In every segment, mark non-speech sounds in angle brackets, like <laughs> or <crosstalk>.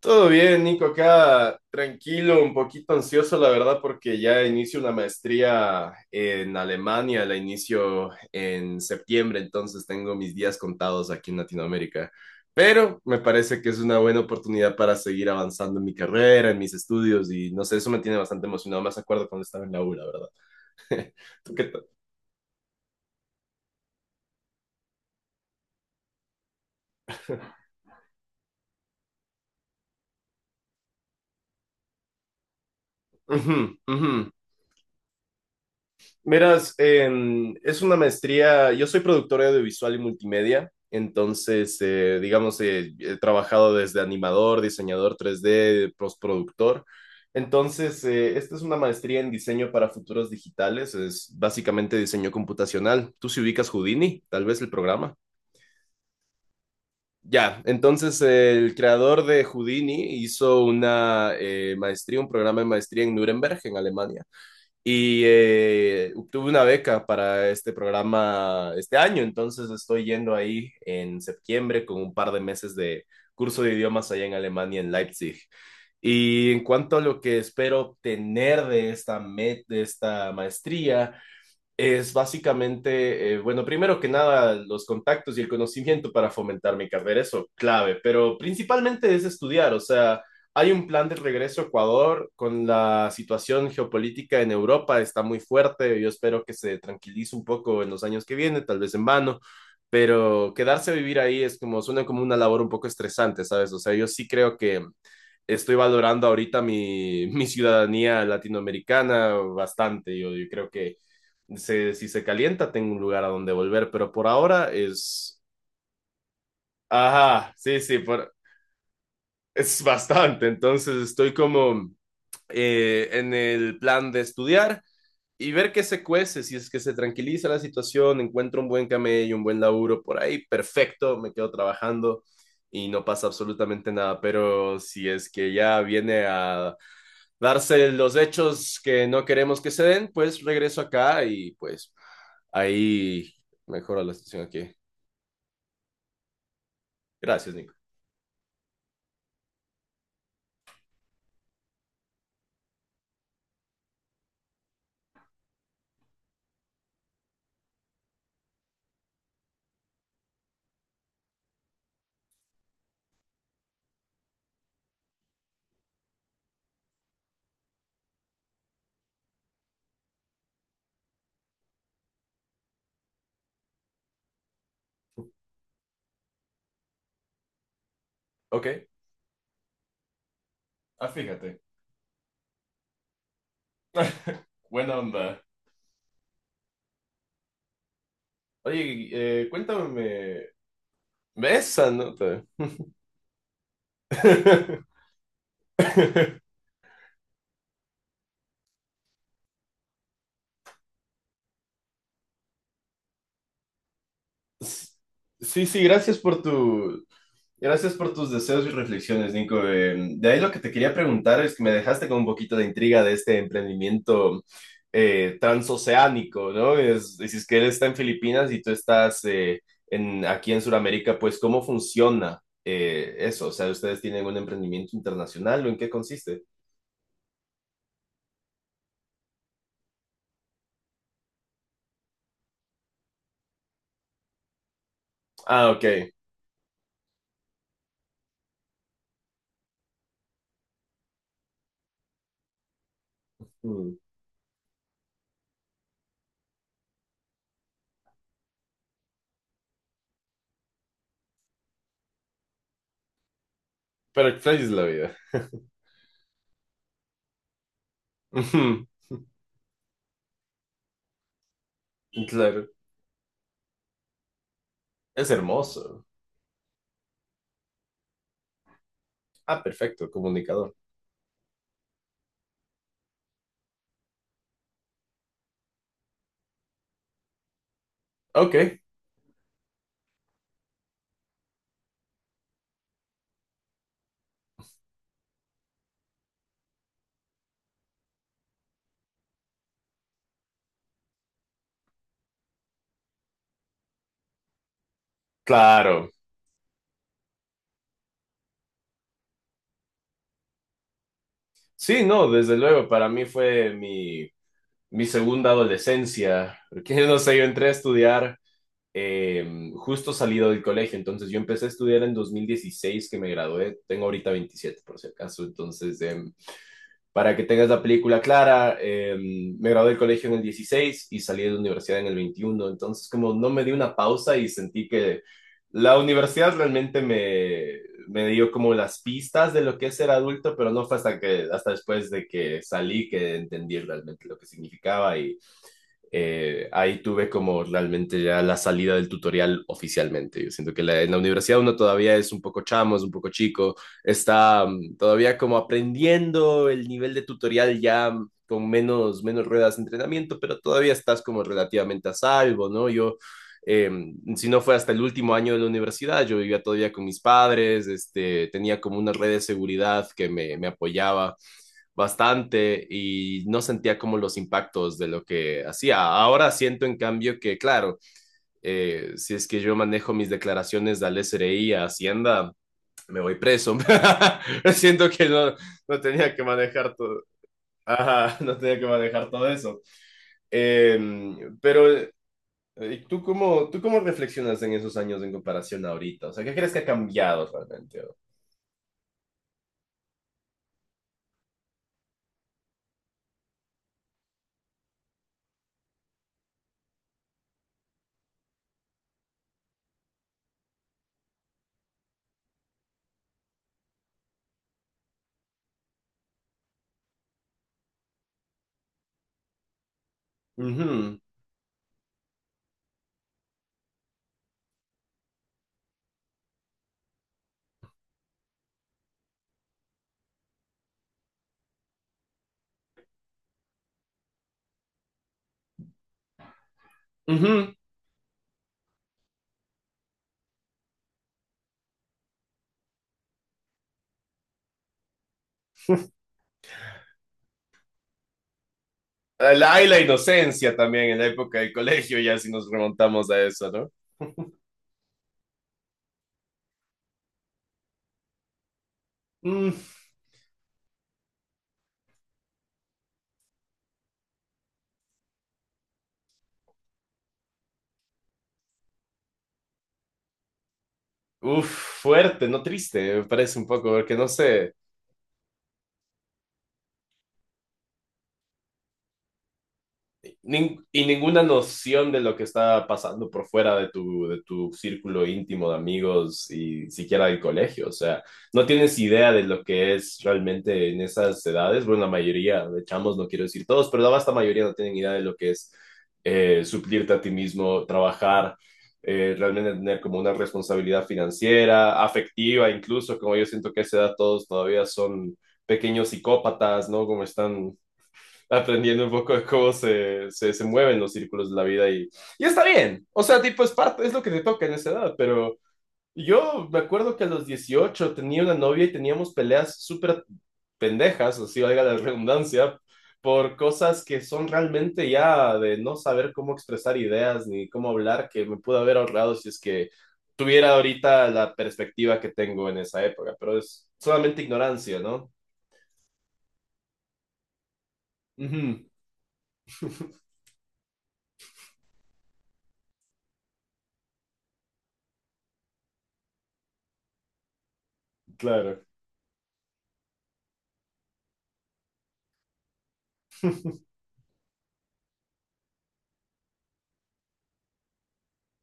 Todo bien, Nico, acá tranquilo, un poquito ansioso, la verdad, porque ya inicio una maestría en Alemania, la inicio en septiembre, entonces tengo mis días contados aquí en Latinoamérica. Pero me parece que es una buena oportunidad para seguir avanzando en mi carrera, en mis estudios, y no sé, eso me tiene bastante emocionado. Más acuerdo cuando estaba en la U, la verdad. <laughs> ¿Tú qué tal? Ujú, ujú. Miras, es una maestría, yo soy productor audiovisual y multimedia, entonces, digamos, he trabajado desde animador, diseñador 3D postproductor. Entonces, esta es una maestría en diseño para futuros digitales, es básicamente diseño computacional. Tú si ubicas Houdini, tal vez el programa. Ya, entonces el creador de Houdini hizo una maestría, un programa de maestría en Nuremberg, en Alemania, y obtuve una beca para este programa este año, entonces estoy yendo ahí en septiembre con un par de meses de curso de idiomas allá en Alemania, en Leipzig. Y en cuanto a lo que espero obtener de esta, de esta maestría, es básicamente, bueno, primero que nada, los contactos y el conocimiento para fomentar mi carrera, eso clave, pero principalmente es estudiar, o sea, hay un plan de regreso a Ecuador. Con la situación geopolítica en Europa, está muy fuerte, yo espero que se tranquilice un poco en los años que vienen, tal vez en vano, pero quedarse a vivir ahí es como, suena como una labor un poco estresante, ¿sabes? O sea, yo sí creo que estoy valorando ahorita mi, <laughs> mi ciudadanía latinoamericana bastante. Yo creo que si se calienta, tengo un lugar a donde volver, pero por ahora es... Ajá, sí, sí, por... es bastante, entonces estoy como en el plan de estudiar y ver qué se cuece. Si es que se tranquiliza la situación, encuentro un buen camello, un buen laburo por ahí, perfecto, me quedo trabajando y no pasa absolutamente nada, pero si es que ya viene a darse los hechos que no queremos que se den, pues regreso acá y pues ahí mejora la situación aquí. Gracias, Nico. Ok, ah, fíjate. <laughs> Buena onda. Oye, cuéntame esa nota. <laughs> Sí, sí, gracias por tus deseos y reflexiones, Nico. De ahí lo que te quería preguntar es que me dejaste con un poquito de intriga de este emprendimiento transoceánico, ¿no? Dices que él está en Filipinas y tú estás aquí en Sudamérica, pues ¿cómo funciona eso? O sea, ¿ustedes tienen un emprendimiento internacional o en qué consiste? Ah, ok. Mm. Pero ¿qué es la vida? <laughs> Claro, es hermoso. Ah, perfecto, comunicador. Ok, claro. Sí, no, desde luego, para mí fue mi, mi segunda adolescencia, porque <laughs> no sé, yo entré a estudiar justo salido del colegio, entonces yo empecé a estudiar en 2016 que me gradué, tengo ahorita 27 por si acaso, entonces para que tengas la película clara, me gradué del colegio en el 16 y salí de la universidad en el 21, entonces como no me di una pausa y sentí que la universidad realmente me dio como las pistas de lo que es ser adulto, pero no fue hasta después de que salí que entendí realmente lo que significaba, y ahí tuve como realmente ya la salida del tutorial oficialmente. Yo siento que en la universidad uno todavía es un poco chamo, es un poco chico, está todavía como aprendiendo el nivel de tutorial ya, con menos ruedas de entrenamiento, pero todavía estás como relativamente a salvo, ¿no? Eh, si no fue hasta el último año de la universidad, yo vivía todavía con mis padres, este, tenía como una red de seguridad que me apoyaba bastante y no sentía como los impactos de lo que hacía. Ahora siento en cambio que, claro, si es que yo manejo mis declaraciones al SRI, a Hacienda, me voy preso. <laughs> Siento que no, no tenía que manejar todo. Ajá, no tenía que manejar todo eso. Eh, pero, ¿tú cómo, reflexionas en esos años en comparación a ahorita? O sea, ¿qué crees que ha cambiado realmente? Ujú, ujú. Hay la inocencia también en la época del colegio, ya si nos remontamos a eso, ¿no? <laughs> Mm. Uf, fuerte, no triste, me parece un poco, porque no sé. Y ninguna noción de lo que está pasando por fuera de tu círculo íntimo de amigos y siquiera del colegio. O sea, no tienes idea de lo que es realmente en esas edades. Bueno, la mayoría de chamos, no quiero decir todos, pero la vasta mayoría no tienen idea de lo que es suplirte a ti mismo, trabajar. Realmente tener como una responsabilidad financiera, afectiva, incluso como yo siento que a esa edad todos todavía son pequeños psicópatas, ¿no? Como están aprendiendo un poco de cómo se mueven los círculos de la vida, y está bien. O sea, tipo, es parte, es lo que te toca en esa edad, pero yo me acuerdo que a los 18 tenía una novia y teníamos peleas súper pendejas, o si valga la redundancia, por cosas que son realmente ya de no saber cómo expresar ideas ni cómo hablar, que me pude haber ahorrado si es que tuviera ahorita la perspectiva que tengo en esa época, pero es solamente ignorancia, ¿no? Ujú, claro.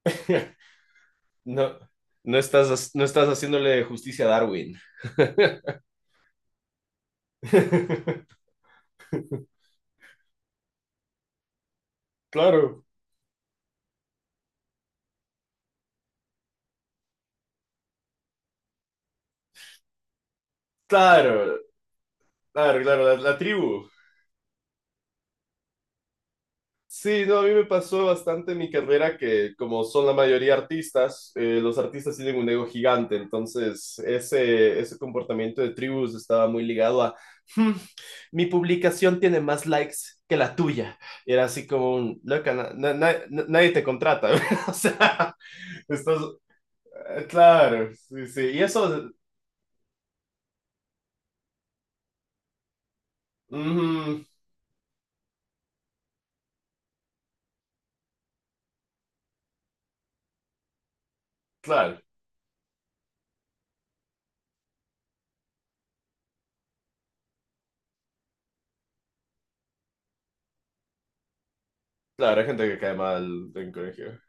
<laughs> No, no estás, haciéndole justicia a Darwin. <laughs> Claro. Claro, claro, claro, la tribu. Sí, no, a mí me pasó bastante en mi carrera que como son la mayoría artistas, los artistas tienen un ego gigante, entonces ese comportamiento de tribus estaba muy ligado a, "Hmm, mi publicación tiene más likes que la tuya." Y era así como un, loca, nadie te contrata. <laughs> O sea, estás, claro, sí, sí. Y eso, ujú, claro, claro, hay gente que cae mal en colegio.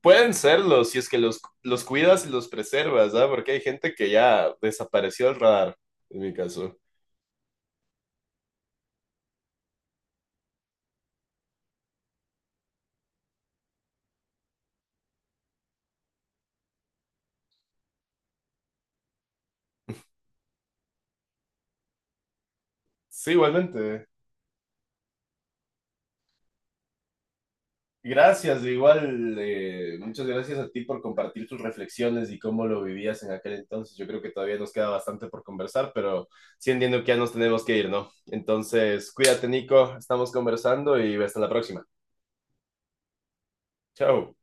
Pueden serlo si es que los cuidas y los preservas, ¿ah? Porque hay gente que ya desapareció del radar, en mi caso. Sí, igualmente. Gracias, de igual, muchas gracias a ti por compartir tus reflexiones y cómo lo vivías en aquel entonces. Yo creo que todavía nos queda bastante por conversar, pero sí entiendo que ya nos tenemos que ir, ¿no? Entonces, cuídate, Nico, estamos conversando y hasta la próxima. Chao.